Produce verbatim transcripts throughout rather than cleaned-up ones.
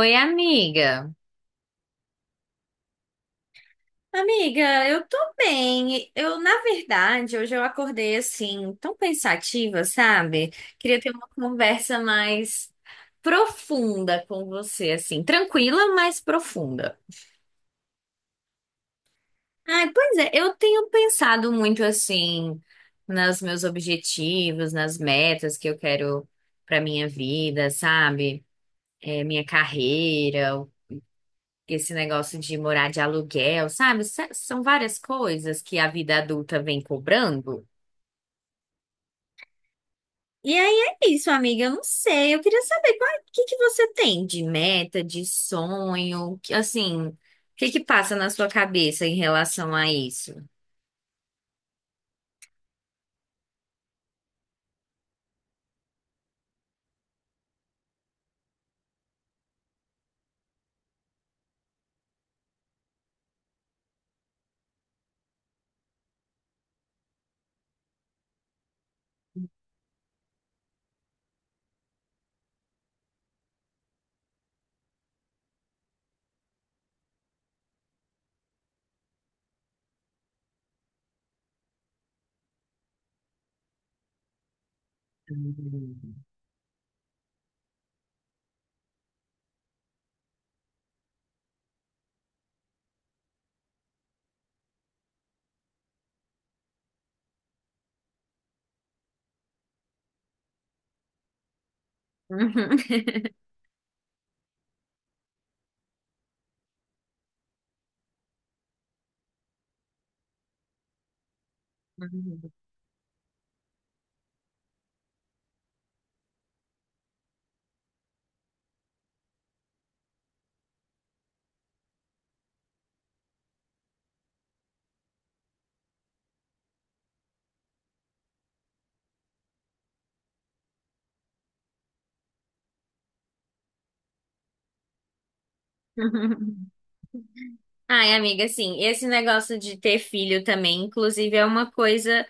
Oi, amiga. Amiga, eu tô bem. Eu, na verdade, hoje eu acordei assim, tão pensativa, sabe? Queria ter uma conversa mais profunda com você, assim, tranquila, mas profunda. Ai, pois é, eu tenho pensado muito assim nos meus objetivos, nas metas que eu quero pra minha vida, sabe? É, minha carreira, esse negócio de morar de aluguel, sabe? S- São várias coisas que a vida adulta vem cobrando. E aí é isso, amiga. Eu não sei. Eu queria saber qual, o que que você tem de meta, de sonho, que, assim, o que que passa na sua cabeça em relação a isso? Hum. Ai, amiga, assim, esse negócio de ter filho também, inclusive, é uma coisa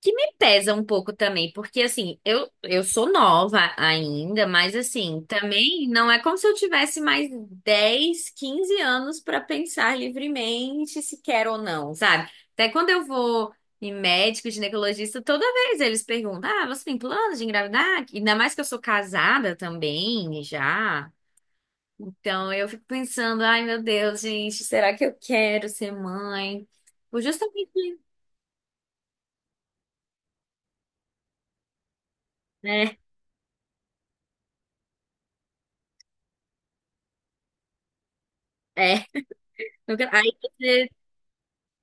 que me pesa um pouco também, porque assim, eu, eu sou nova ainda, mas assim, também não é como se eu tivesse mais dez, quinze anos para pensar livremente se quero ou não, sabe? Até quando eu vou em médico, ginecologista, toda vez eles perguntam: "Ah, você tem planos de engravidar?" Ainda mais que eu sou casada também, já. Então eu fico pensando: "Ai, meu Deus, gente, será que eu quero ser mãe?" Por justamente, né? É. Nunca- Aí você...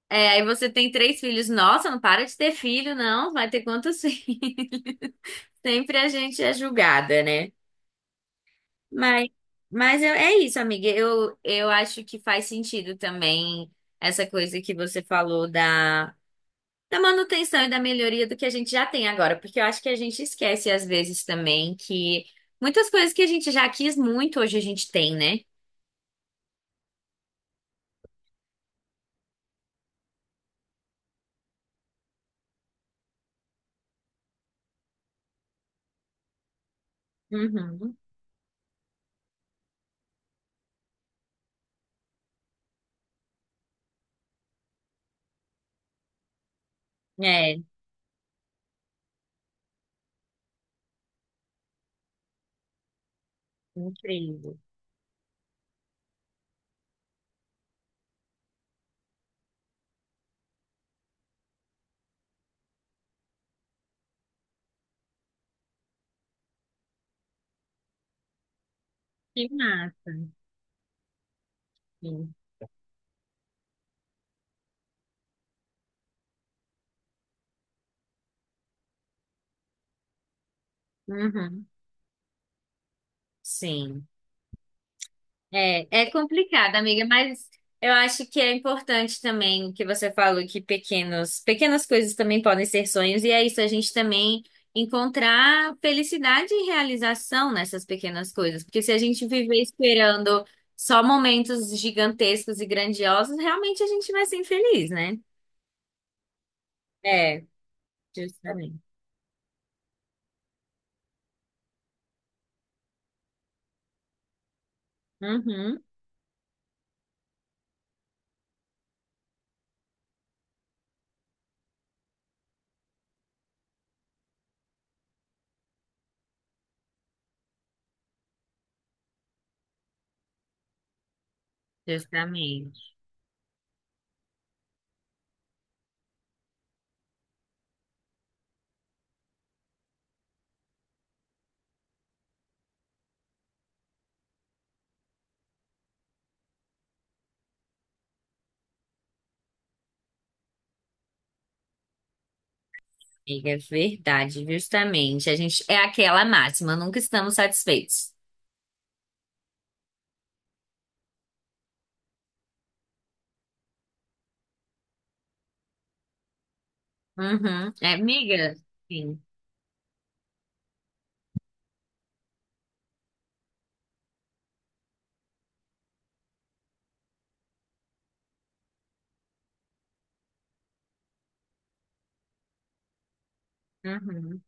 É, aí você tem três filhos. Nossa, não para de ter filho, não. Vai ter quantos filhos? Sempre a gente é julgada, né? Mas, mas eu- É isso, amiga. Eu, eu acho que faz sentido também essa coisa que você falou da, da manutenção e da melhoria do que a gente já tem agora. Porque eu acho que a gente esquece às vezes também que muitas coisas que a gente já quis muito, hoje a gente tem, né? Uhum. É, incrível. Que massa. Sim. Uhum. Sim. É, é complicado, amiga, mas eu acho que é importante também o que você falou, que pequenos, pequenas coisas também podem ser sonhos, e é isso, a gente também encontrar felicidade e realização nessas pequenas coisas, porque se a gente viver esperando só momentos gigantescos e grandiosos, realmente a gente vai ser infeliz, né? É, justamente. Uhum, justamente. Amiga, é verdade, justamente. A gente é aquela máxima, nunca estamos satisfeitos. Uhum. É, amiga? Sim. Uhum.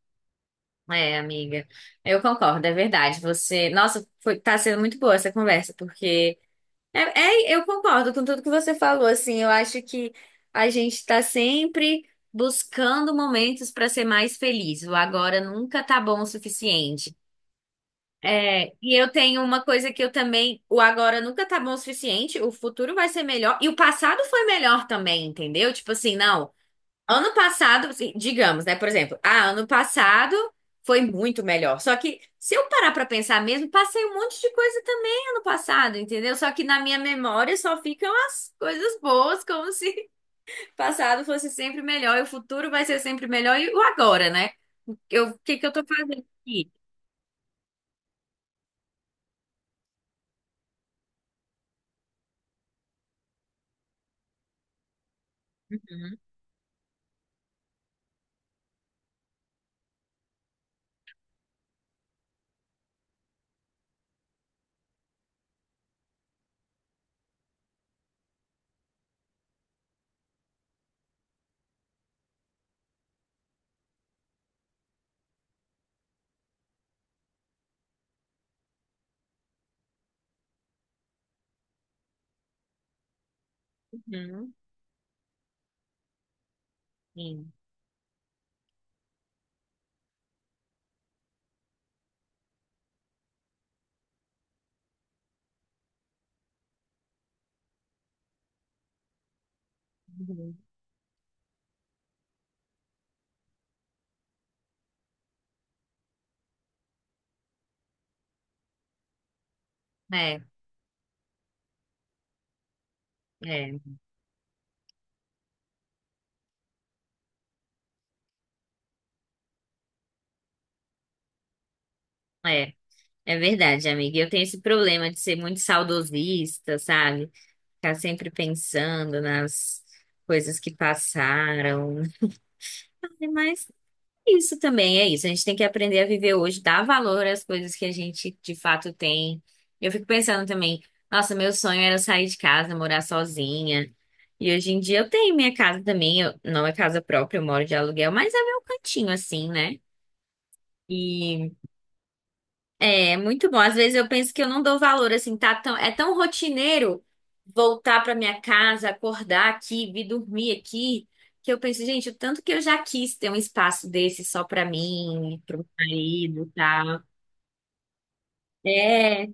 É, amiga. Eu concordo, é verdade. Você, nossa, foi, tá sendo muito boa essa conversa, porque é, é- eu concordo com tudo que você falou, assim. Eu acho que a gente tá sempre buscando momentos para ser mais feliz. O agora nunca tá bom o suficiente. É, e eu tenho uma coisa que eu também, o agora nunca tá bom o suficiente, o futuro vai ser melhor e o passado foi melhor também, entendeu? Tipo assim, não. Ano passado, assim, digamos, né? Por exemplo, ah, ano passado foi muito melhor. Só que se eu parar pra pensar mesmo, passei um monte de coisa também ano passado, entendeu? Só que na minha memória só ficam as coisas boas, como se passado fosse sempre melhor e o futuro vai ser sempre melhor e o agora, né? Eu, o que que eu tô fazendo aqui? Uhum, sim, uhum. É, é, é. É verdade, amiga. Eu tenho esse problema de ser muito saudosista, sabe? Ficar sempre pensando nas coisas que passaram. Mas é isso também é isso. A gente tem que aprender a viver hoje, dar valor às coisas que a gente de fato tem. Eu fico pensando também, nossa, meu sonho era sair de casa, morar sozinha. E hoje em dia eu tenho minha casa também, eu- não é casa própria, eu moro de aluguel, mas é meu cantinho assim, né? E... É, muito bom. Às vezes eu penso que eu não dou valor, assim, tá tão, é tão rotineiro voltar pra minha casa, acordar aqui, vir dormir aqui, que eu penso, gente, o tanto que eu já quis ter um espaço desse só pra mim, pro meu marido e tal. É,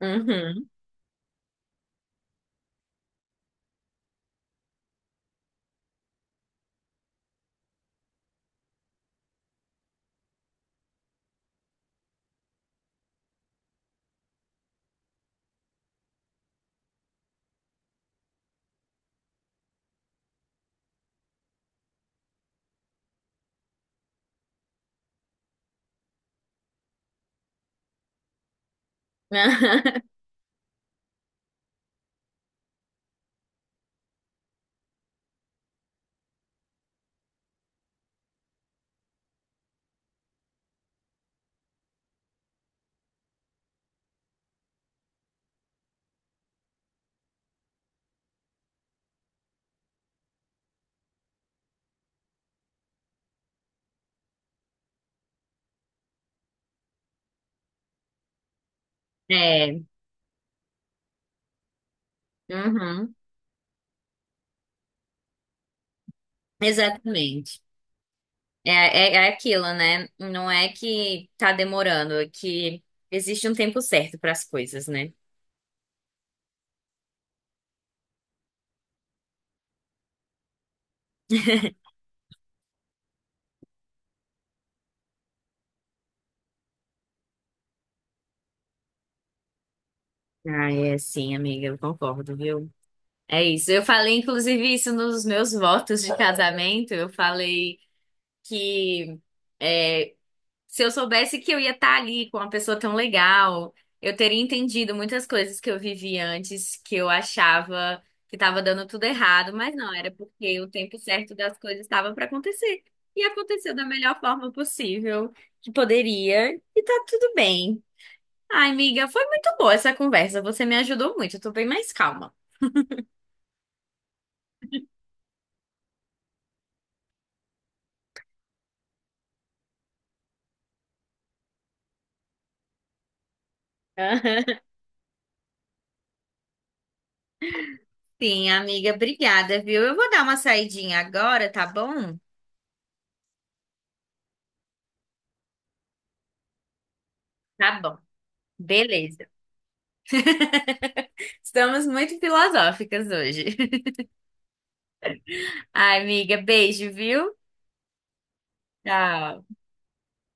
uhum. É, uhum. Exatamente. É, é, é aquilo, né? Não é que tá demorando, é que existe um tempo certo para as coisas, né? Ah, é sim, amiga, eu concordo, viu? É isso. Eu falei, inclusive, isso nos meus votos de casamento. Eu falei que é, se eu soubesse que eu ia estar ali com uma pessoa tão legal, eu teria entendido muitas coisas que eu vivi antes, que eu achava que estava dando tudo errado, mas não, era porque o tempo certo das coisas estava para acontecer. E aconteceu da melhor forma possível que poderia, e tá tudo bem. Ai, amiga, foi muito boa essa conversa. Você me ajudou muito, eu tô bem mais calma. Sim, amiga, obrigada, viu? Eu vou dar uma saidinha agora, tá bom? Tá bom. Beleza. Estamos muito filosóficas hoje. Ai, amiga, beijo, viu? Tchau.